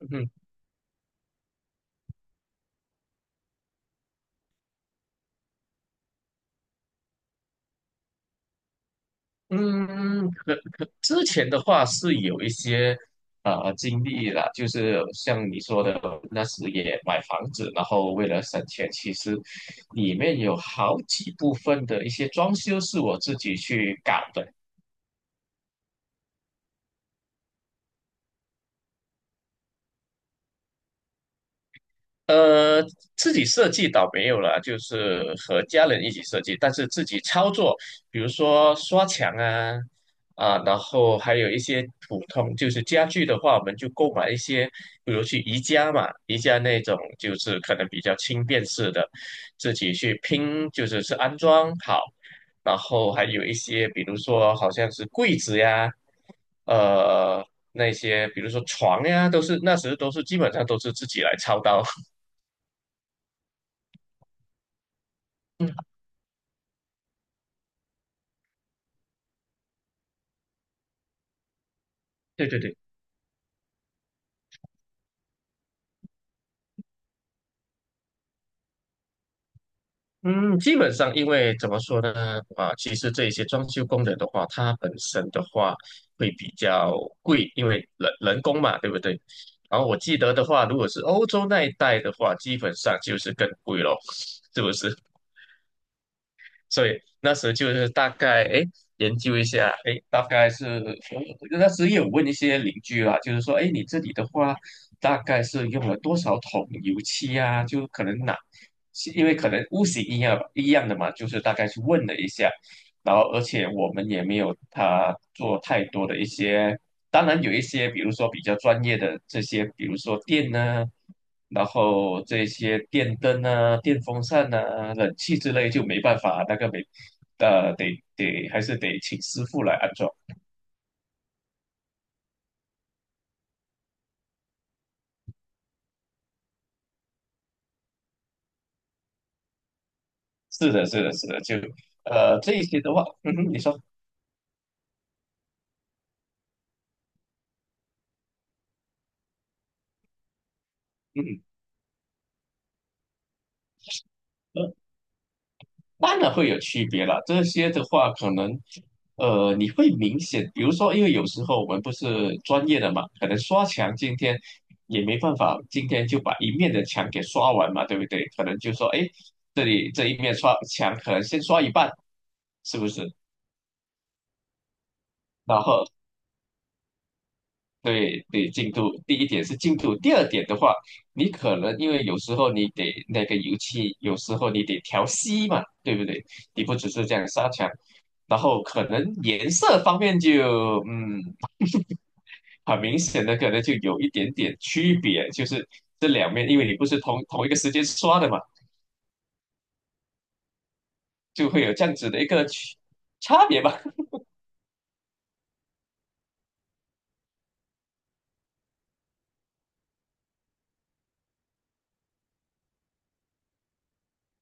嗯嗯，可之前的话是有一些经历了，就是像你说的，那时也买房子，然后为了省钱，其实里面有好几部分的一些装修是我自己去搞的。呃，自己设计倒没有了，就是和家人一起设计，但是自己操作，比如说刷墙啊，然后还有一些普通就是家具的话，我们就购买一些，比如去宜家嘛，宜家那种就是可能比较轻便式的，自己去拼，就是安装好，然后还有一些，比如说好像是柜子呀，呃，那些比如说床呀，都是那时都是基本上都是自己来操刀。对对对，嗯，基本上因为怎么说呢，其实这一些装修工人的话，它本身的话会比较贵，因为人工嘛，对不对？然后我记得的话，如果是欧洲那一带的话，基本上就是更贵咯，是不是？所以那时候就是大概哎研究一下，哎大概是那时也有问一些邻居啦，就是说哎你这里的话大概是用了多少桶油漆啊？就可能哪，是因为可能屋型一样一样的嘛，就是大概去问了一下，然后而且我们也没有他做太多的一些，当然有一些，比如说比较专业的这些，比如说电呢、然后这些电灯啊、电风扇啊、冷气之类就没办法，那个没，得还是得请师傅来安装。是的，是的，是的，就这一些的话，嗯哼，你说，嗯。嗯当然会有区别了，这些的话，可能，你会明显，比如说，因为有时候我们不是专业的嘛，可能刷墙今天也没办法，今天就把一面的墙给刷完嘛，对不对？可能就说，哎，这里这一面刷墙，可能先刷一半，是不是？然后对对，进度第一点是进度，第二点的话，你可能因为有时候你得那个油漆，有时候你得调稀嘛，对不对？你不只是这样刷墙，然后可能颜色方面就很明显的可能就有一点点区别，就是这两面，因为你不是同一个时间刷的嘛，就会有这样子的一个区差别吧。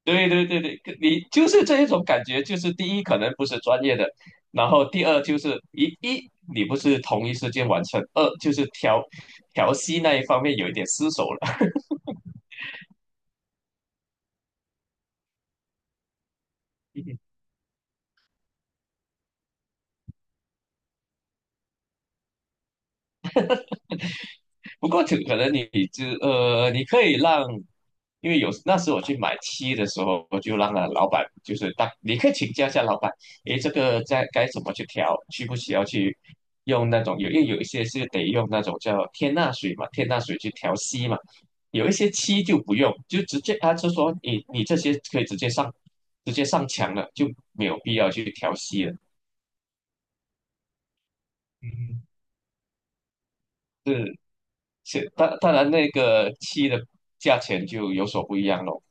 对对对对，你就是这一种感觉，就是第一可能不是专业的，然后第二就是你不是同一时间完成，二就是调息那一方面有一点失手了。不过就可能你就你可以让，因为有那时我去买漆的时候，我就让了老板，就是当你可以请教一下老板，诶，这个在该怎么去调，需不需要去用那种有，因为有一些是得用那种叫天钠水嘛，天钠水去调漆嘛，有一些漆就不用，就直接他就说你这些可以直接上墙了，就没有必要去调漆了。嗯，是，是，当然那个漆的价钱就有所不一样咯。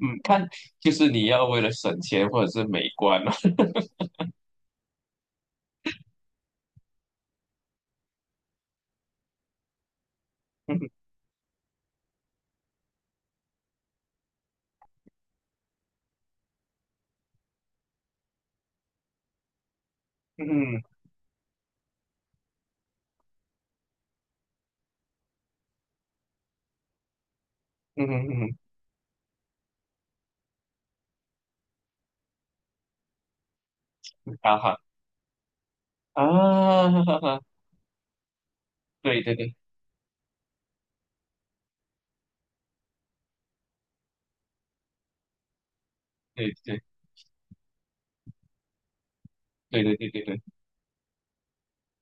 嗯，看就是你要为了省钱或者是美观了。嗯嗯嗯嗯嗯，啊哈啊，哈哈哈，对对对对对对对对对对，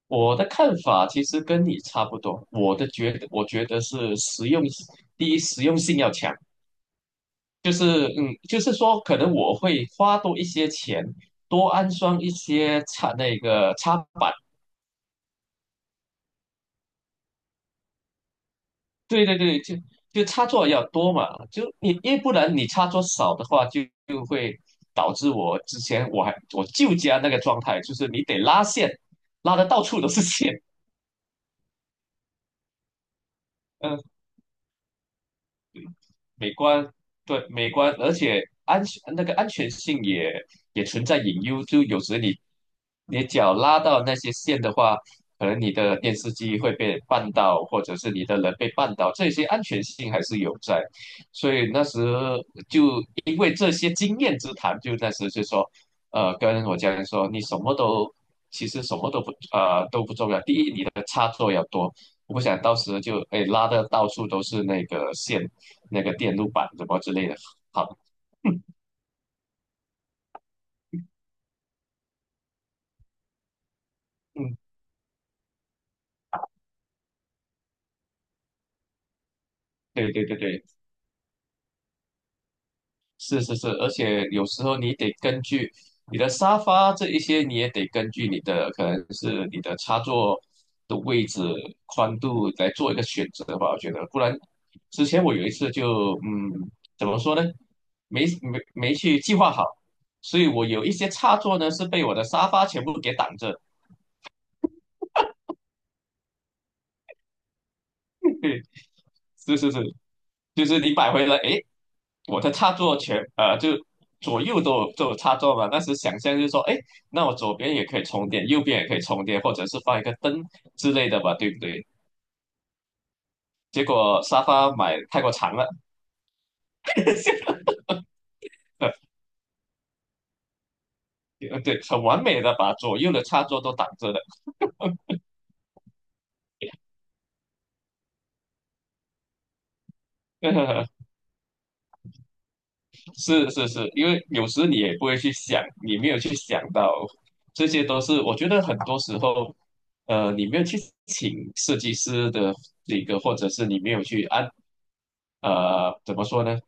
我的看法其实跟你差不多。我觉得是实用，第一实用性要强，就是就是说可能我会花多一些钱，多安装一些插那个插板。对对对，就插座要多嘛，就你要不然你插座少的话，就会导致我之前我还我舅家那个状态，就是你得拉线，拉的到处都是线，嗯。美观，对，美观，而且安全性也存在隐忧，就有时你脚拉到那些线的话，可能你的电视机会被绊倒，或者是你的人被绊倒，这些安全性还是有在。所以那时就因为这些经验之谈，就那时就说，跟我家人说，你什么都其实什么都不都不重要，第一你的插座要多。我不想到时就哎拉的到处都是那个线。那个电路板什么之类的。好，嗯，对对对对，是是是，而且有时候你得根据你的沙发这一些，你也得根据你的可能是你的插座的位置、宽度来做一个选择吧。我觉得，不然之前我有一次就怎么说呢？没去计划好，所以我有一些插座呢是被我的沙发全部给挡着。是是是，就是你买回来，诶，我的插座全就左右都有插座嘛，那时想象就是说，哎，那我左边也可以充电，右边也可以充电，或者是放一个灯之类的吧，对不对？结果沙发买太过长了，对，很完美的把左右的插座都挡着了。是是是，因为有时你也不会去想，你没有去想到，这些都是我觉得很多时候，你没有去请设计师的那个，或者是你没有去按，怎么说呢？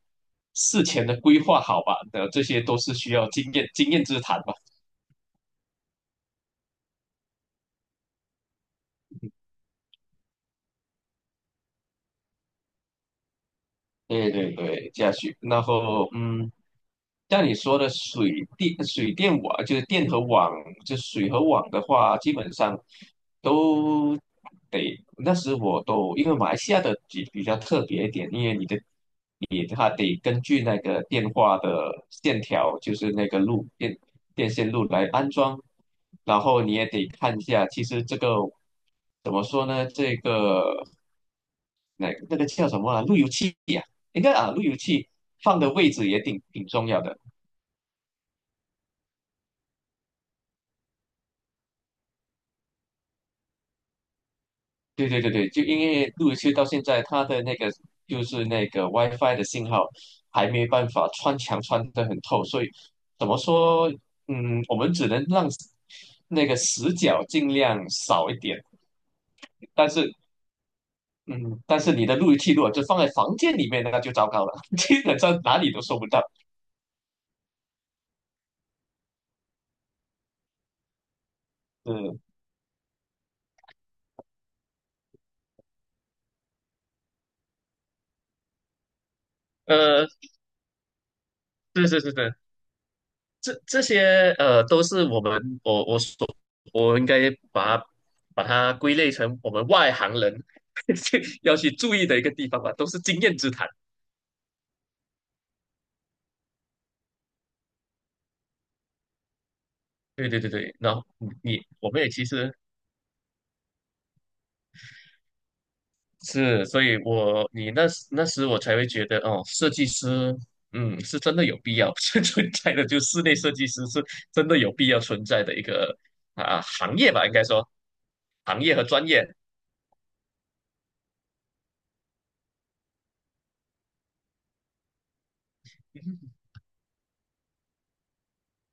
事前的规划好吧，的这些都是需要经验之谈吧。对对对，下去，然后像你说的水电网，就是电和网，就水和网的话，基本上都得。那时我都因为马来西亚的比较特别一点，因为你的你它得根据那个电话的线条，就是那个电线路来安装，然后你也得看一下，其实这个怎么说呢？这个。那个叫什么啊？路由器呀、应该啊，路由器放的位置也挺重要的。对对对对，就因为路由器到现在它的那个就是那个 WiFi 的信号还没办法穿墙穿得很透，所以怎么说？嗯，我们只能让那个死角尽量少一点，但是。嗯，但是你的路由器如果就放在房间里面，那就糟糕了，基本上哪里都收不到。嗯，呃，是是是是，这些都是我们我我所我应该把它归类成我们外行人 要去注意的一个地方吧，都是经验之谈。对对对对，然后我们也其实是，所以那时我才会觉得哦，设计师是真的有必要 是存在的，就室内设计师是真的有必要存在的一个行业吧，应该说行业和专业。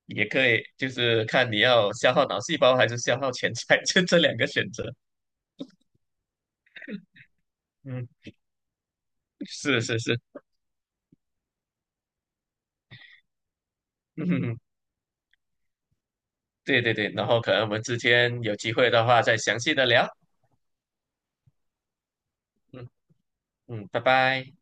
也可以，就是看你要消耗脑细胞还是消耗钱财，就这两个选择。嗯，是是是，嗯，嗯嗯对对对，然后可能我们之间有机会的话再详细的聊。嗯嗯，拜拜。